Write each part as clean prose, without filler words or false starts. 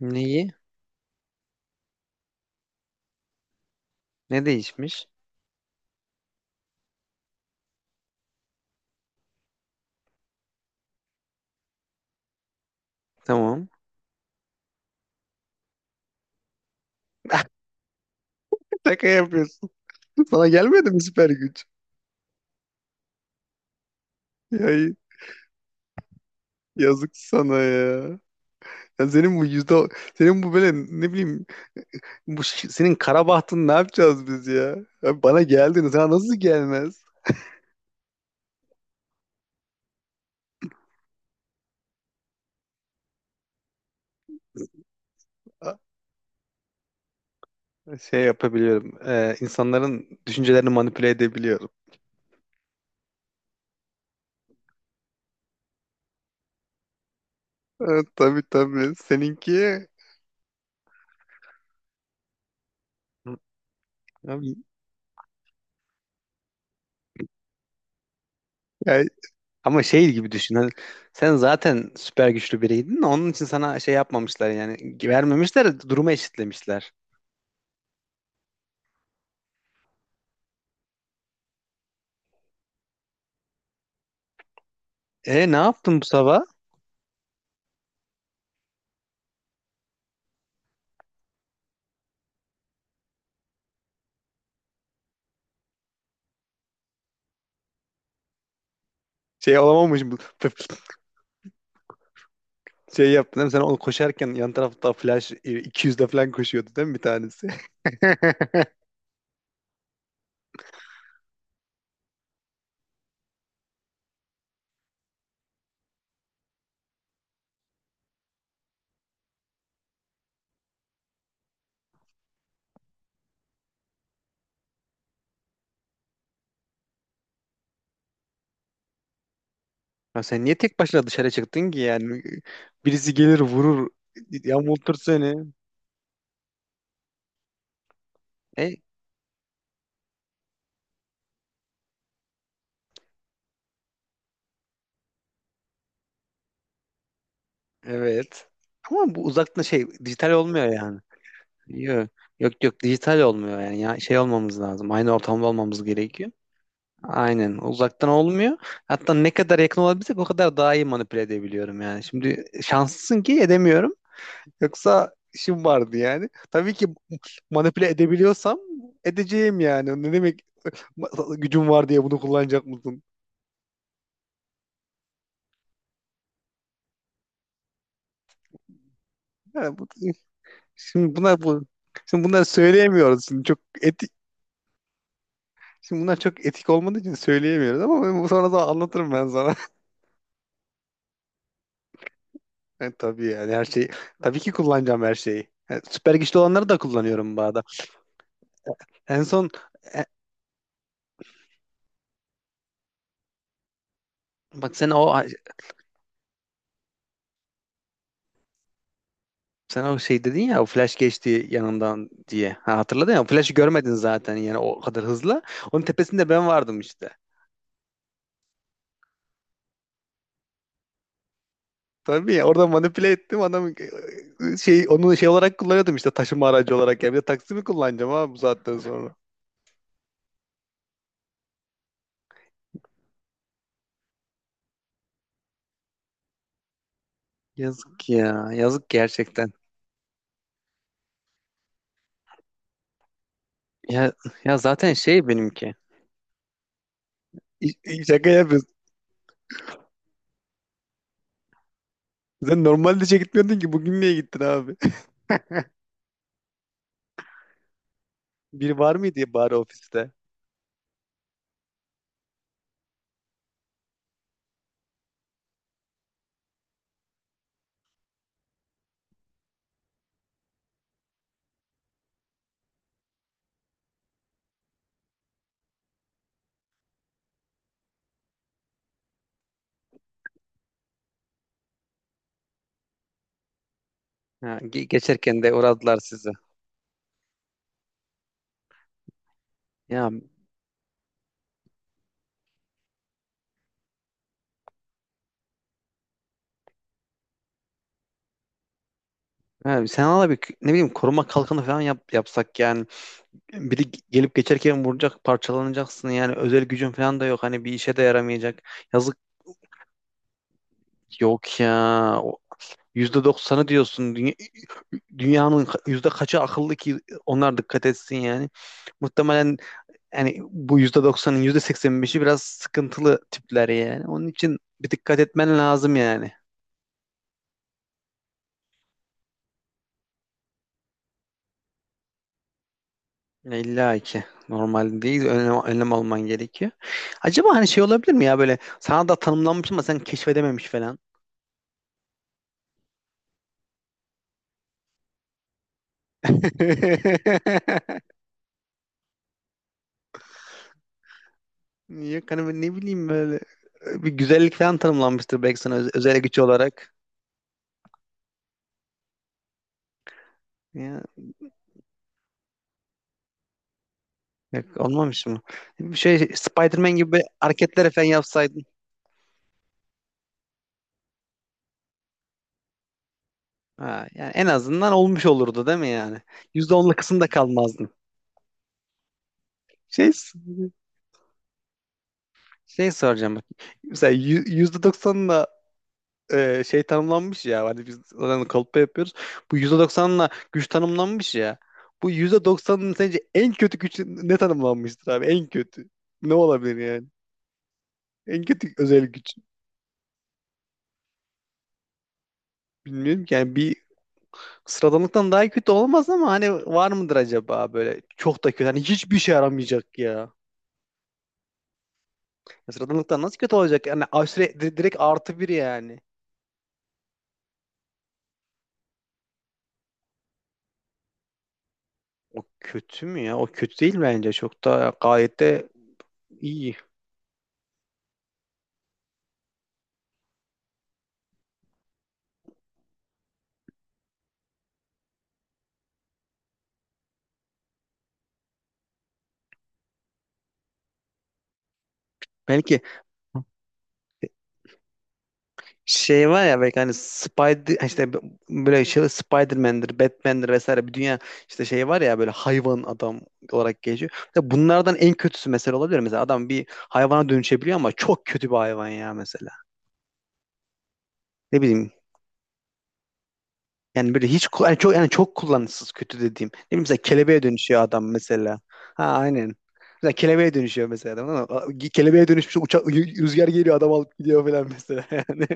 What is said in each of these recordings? Neyi? Ne değişmiş? Tamam. Şaka yapıyorsun. Sana gelmedi mi süper güç? Ya yazık sana ya. Ya senin bu yüzde senin bu böyle ne bileyim, senin kara bahtın, ne yapacağız biz ya? Ya bana geldin, sana nasıl gelmez? A- Şey yapabiliyorum. İnsanların düşüncelerini manipüle edebiliyorum. Evet, tabii tabii. Abi, ya, ama şey gibi düşün, hani sen zaten süper güçlü biriydin. Onun için sana şey yapmamışlar yani. Vermemişler, durumu eşitlemişler. E, ne yaptın bu sabah? Şey olamamış bu. Şey yaptın değil mi? Sen onu koşarken yan tarafta flash 200'de falan koşuyordu değil mi bir tanesi? Ya sen niye tek başına dışarı çıktın ki yani? Birisi gelir vurur, yamultur seni. E, evet. Ama bu uzaktan şey, dijital olmuyor yani. Yok, yok, yok, dijital olmuyor yani. Ya şey olmamız lazım, aynı ortamda olmamız gerekiyor. Aynen, uzaktan olmuyor. Hatta ne kadar yakın olabilsek o kadar daha iyi manipüle edebiliyorum yani. Şimdi şanslısın ki edemiyorum. Yoksa işim vardı yani. Tabii ki manipüle edebiliyorsam edeceğim yani. Ne demek gücüm var diye bunu kullanacak mısın? Yani bu, şimdi bunlar bu şimdi bunları söyleyemiyoruz. Şimdi bunlar çok etik olmadığı için söyleyemiyoruz ama sonra da anlatırım ben sana. Tabii, yani her şeyi. Tabii ki kullanacağım her şeyi. Süper güçlü olanları da kullanıyorum bu arada. En son, e, bak sen o şey dedin ya, o flash geçti yanından diye. Ha, hatırladın ya, o flash'ı görmedin zaten yani, o kadar hızlı. Onun tepesinde ben vardım işte. Tabii ya, orada manipüle ettim adam, şey, onu şey olarak kullanıyordum işte, taşıma aracı olarak. Ya bir de taksi mi kullanacağım abi bu saatten sonra? Yazık ya, yazık gerçekten. Ya, ya zaten şey benimki. Şaka yapıyorsun. Sen normalde işe gitmiyordun ki, bugün niye gittin abi? Biri var mıydı ya bari ofiste? Ha, geçerken de uğradılar sizi. Ya, ha, sen ala bir, ne bileyim, koruma kalkanı falan yapsak yani. Biri gelip geçerken vuracak, parçalanacaksın yani. Özel gücün falan da yok. Hani bir işe de yaramayacak. Yazık, yok ya. O, %90'ı diyorsun. Dünyanın yüzde kaçı akıllı ki onlar dikkat etsin yani? Muhtemelen, yani bu %90'ın %85'i biraz sıkıntılı tipler yani. Onun için bir dikkat etmen lazım yani. Ya, İlla ki normal değil, önlem alman gerekiyor. Acaba hani şey olabilir mi ya, böyle sana da tanımlanmış ama sen keşfedememiş falan. Yok, hani ben ne bileyim, böyle bir güzellik falan tanımlanmıştır belki sana özel güç olarak. Ya, yok, olmamış mı? Bir şey, Spider-Man gibi hareketler falan yapsaydın. Ha, yani en azından olmuş olurdu değil mi yani? %10'la kısımda kalmazdın. Şey, şey soracağım bak. Mesela %90'la şey tanımlanmış ya. Hani biz zaten kalıpta yapıyoruz. Bu %90'la güç tanımlanmış ya. Bu %90'ın sence en kötü güç ne tanımlanmıştır abi? En kötü. Ne olabilir yani? En kötü özel güç. Bilmiyorum ki. Yani bir sıradanlıktan daha kötü olamaz ama hani var mıdır acaba, böyle çok da kötü? Hani hiçbir şey aramayacak ya. Ya, sıradanlıktan nasıl kötü olacak? Yani aşure, direkt artı bir yani. O kötü mü ya? O kötü değil bence. Çok da, gayet de iyi. Belki şey var ya, belki hani Spider işte, böyle şey, Spider-Man'dir, Batman'dir vesaire bir dünya işte şey var ya, böyle hayvan adam olarak geçiyor. Mesela bunlardan en kötüsü mesela olabilir. Mesela adam bir hayvana dönüşebiliyor ama çok kötü bir hayvan ya mesela. Ne bileyim, yani böyle hiç yani çok kullanışsız, kötü dediğim. Ne bileyim, mesela kelebeğe dönüşüyor adam mesela. Ha aynen. Mesela kelebeğe dönüşüyor mesela adam ama kelebeğe dönüşmüş uçak, rüzgar geliyor adam alıp gidiyor falan mesela, yani.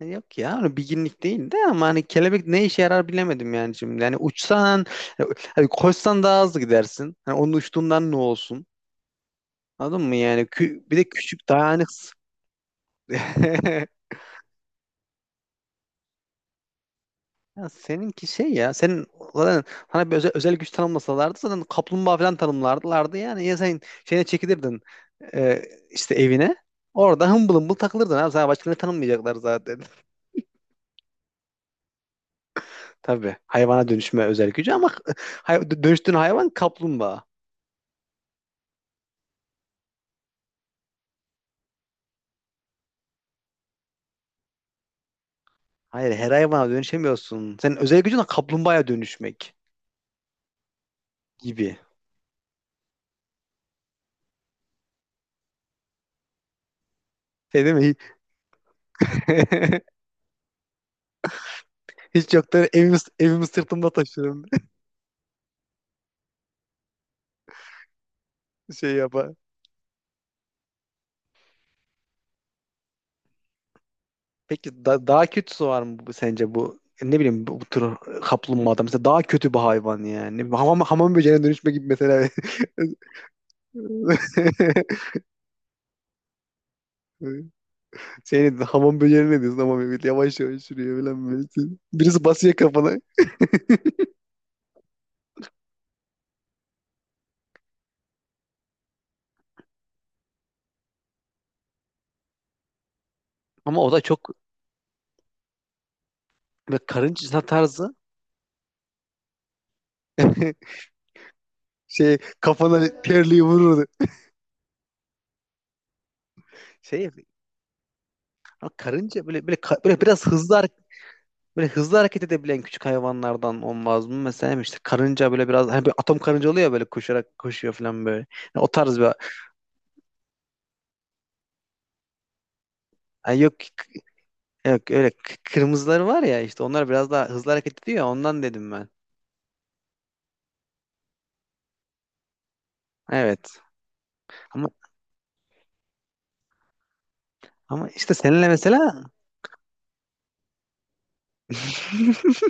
Yok ya, onu bilginlik değil de ama hani kelebek ne işe yarar bilemedim yani şimdi. Yani uçsan, hani koşsan daha hızlı gidersin. Hani onun uçtuğundan ne olsun? Anladın mı yani? Bir de küçük, dayanık. Ya seninki şey, ya senin zaten, sana bir özel güç tanımlasalardı zaten kaplumbağa falan tanımlardılardı yani. Ya sen şeyine çekilirdin, e, işte evine, orada hımbıl hımbıl takılırdın abi. Sana başka ne tanımlayacaklar zaten? Tabii, hayvana dönüşme özel gücü ama dönüştüğün hayvan kaplumbağa. Hayır, her hayvana dönüşemiyorsun. Senin özel gücün de kaplumbağaya dönüşmek gibi. Şey değil mi? Hiç yoktan evimi sırtımda taşırım. Şey yapar. Peki daha kötüsü var mı bu, sence bu? Ne bileyim, bu tür kaplumbağada mesela daha kötü bir hayvan yani. Ne bileyim, hamam böceğine dönüşme gibi mesela. Senin hamam böceğine ne diyorsun, ama böyle yavaş yavaş yürüyor falan böyle. Birisi basıyor kafana. Ama o da çok böyle karınca tarzı, şey, kafana terliği vurur. Şey, ama karınca böyle böyle biraz hızlı böyle hızlı hareket edebilen küçük hayvanlardan olmaz mı? Mesela işte karınca böyle biraz, hani, bir atom karınca oluyor ya böyle, koşarak koşuyor falan böyle. Yani o tarz bir, yani yok k- yok öyle k- kırmızıları var ya işte, onlar biraz daha hızlı hareket ediyor ya, ondan dedim ben. Evet. Ama ama işte seninle mesela,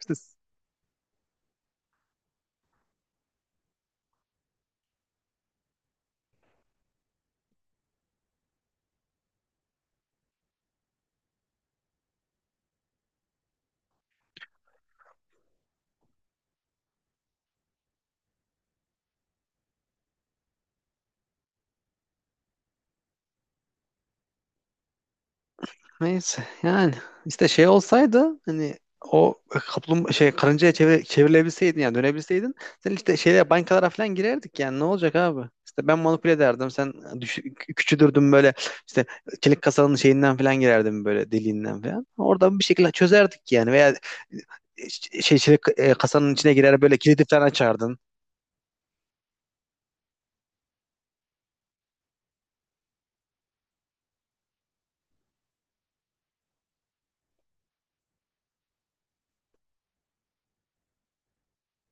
işte, neyse yani, işte şey olsaydı hani, o kaplum şey karıncaya çevrilebilseydin yani, dönebilseydin sen işte, şeyler, bankalara falan girerdik yani. Ne olacak abi? İşte ben manipüle ederdim, sen düş, küçülürdün böyle işte, çelik kasanın şeyinden falan girerdim böyle, deliğinden falan. Oradan bir şekilde çözerdik yani, veya şey, çelik kasanın içine girer, böyle kilidi falan açardın.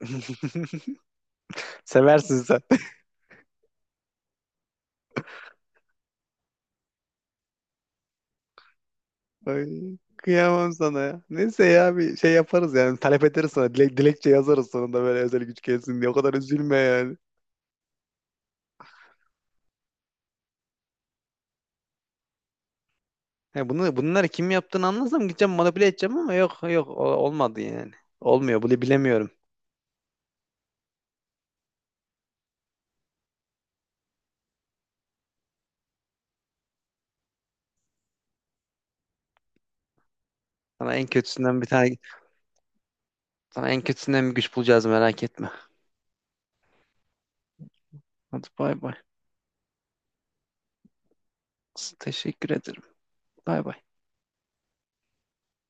Seversin sen. Ay, kıyamam sana ya. Neyse ya, bir şey yaparız yani. Talep ederiz sana. Dilek, dilekçe yazarız sonunda, böyle özel güç gelsin diye. O kadar üzülme yani. He, bunları kim yaptığını anlasam gideceğim, manipüle edeceğim ama yok, yok, olmadı yani. Olmuyor, bunu bilemiyorum. Sana en kötüsünden bir tane sana en kötüsünden bir güç bulacağız, merak etme. Hadi bay bay. Teşekkür ederim. Bay bay.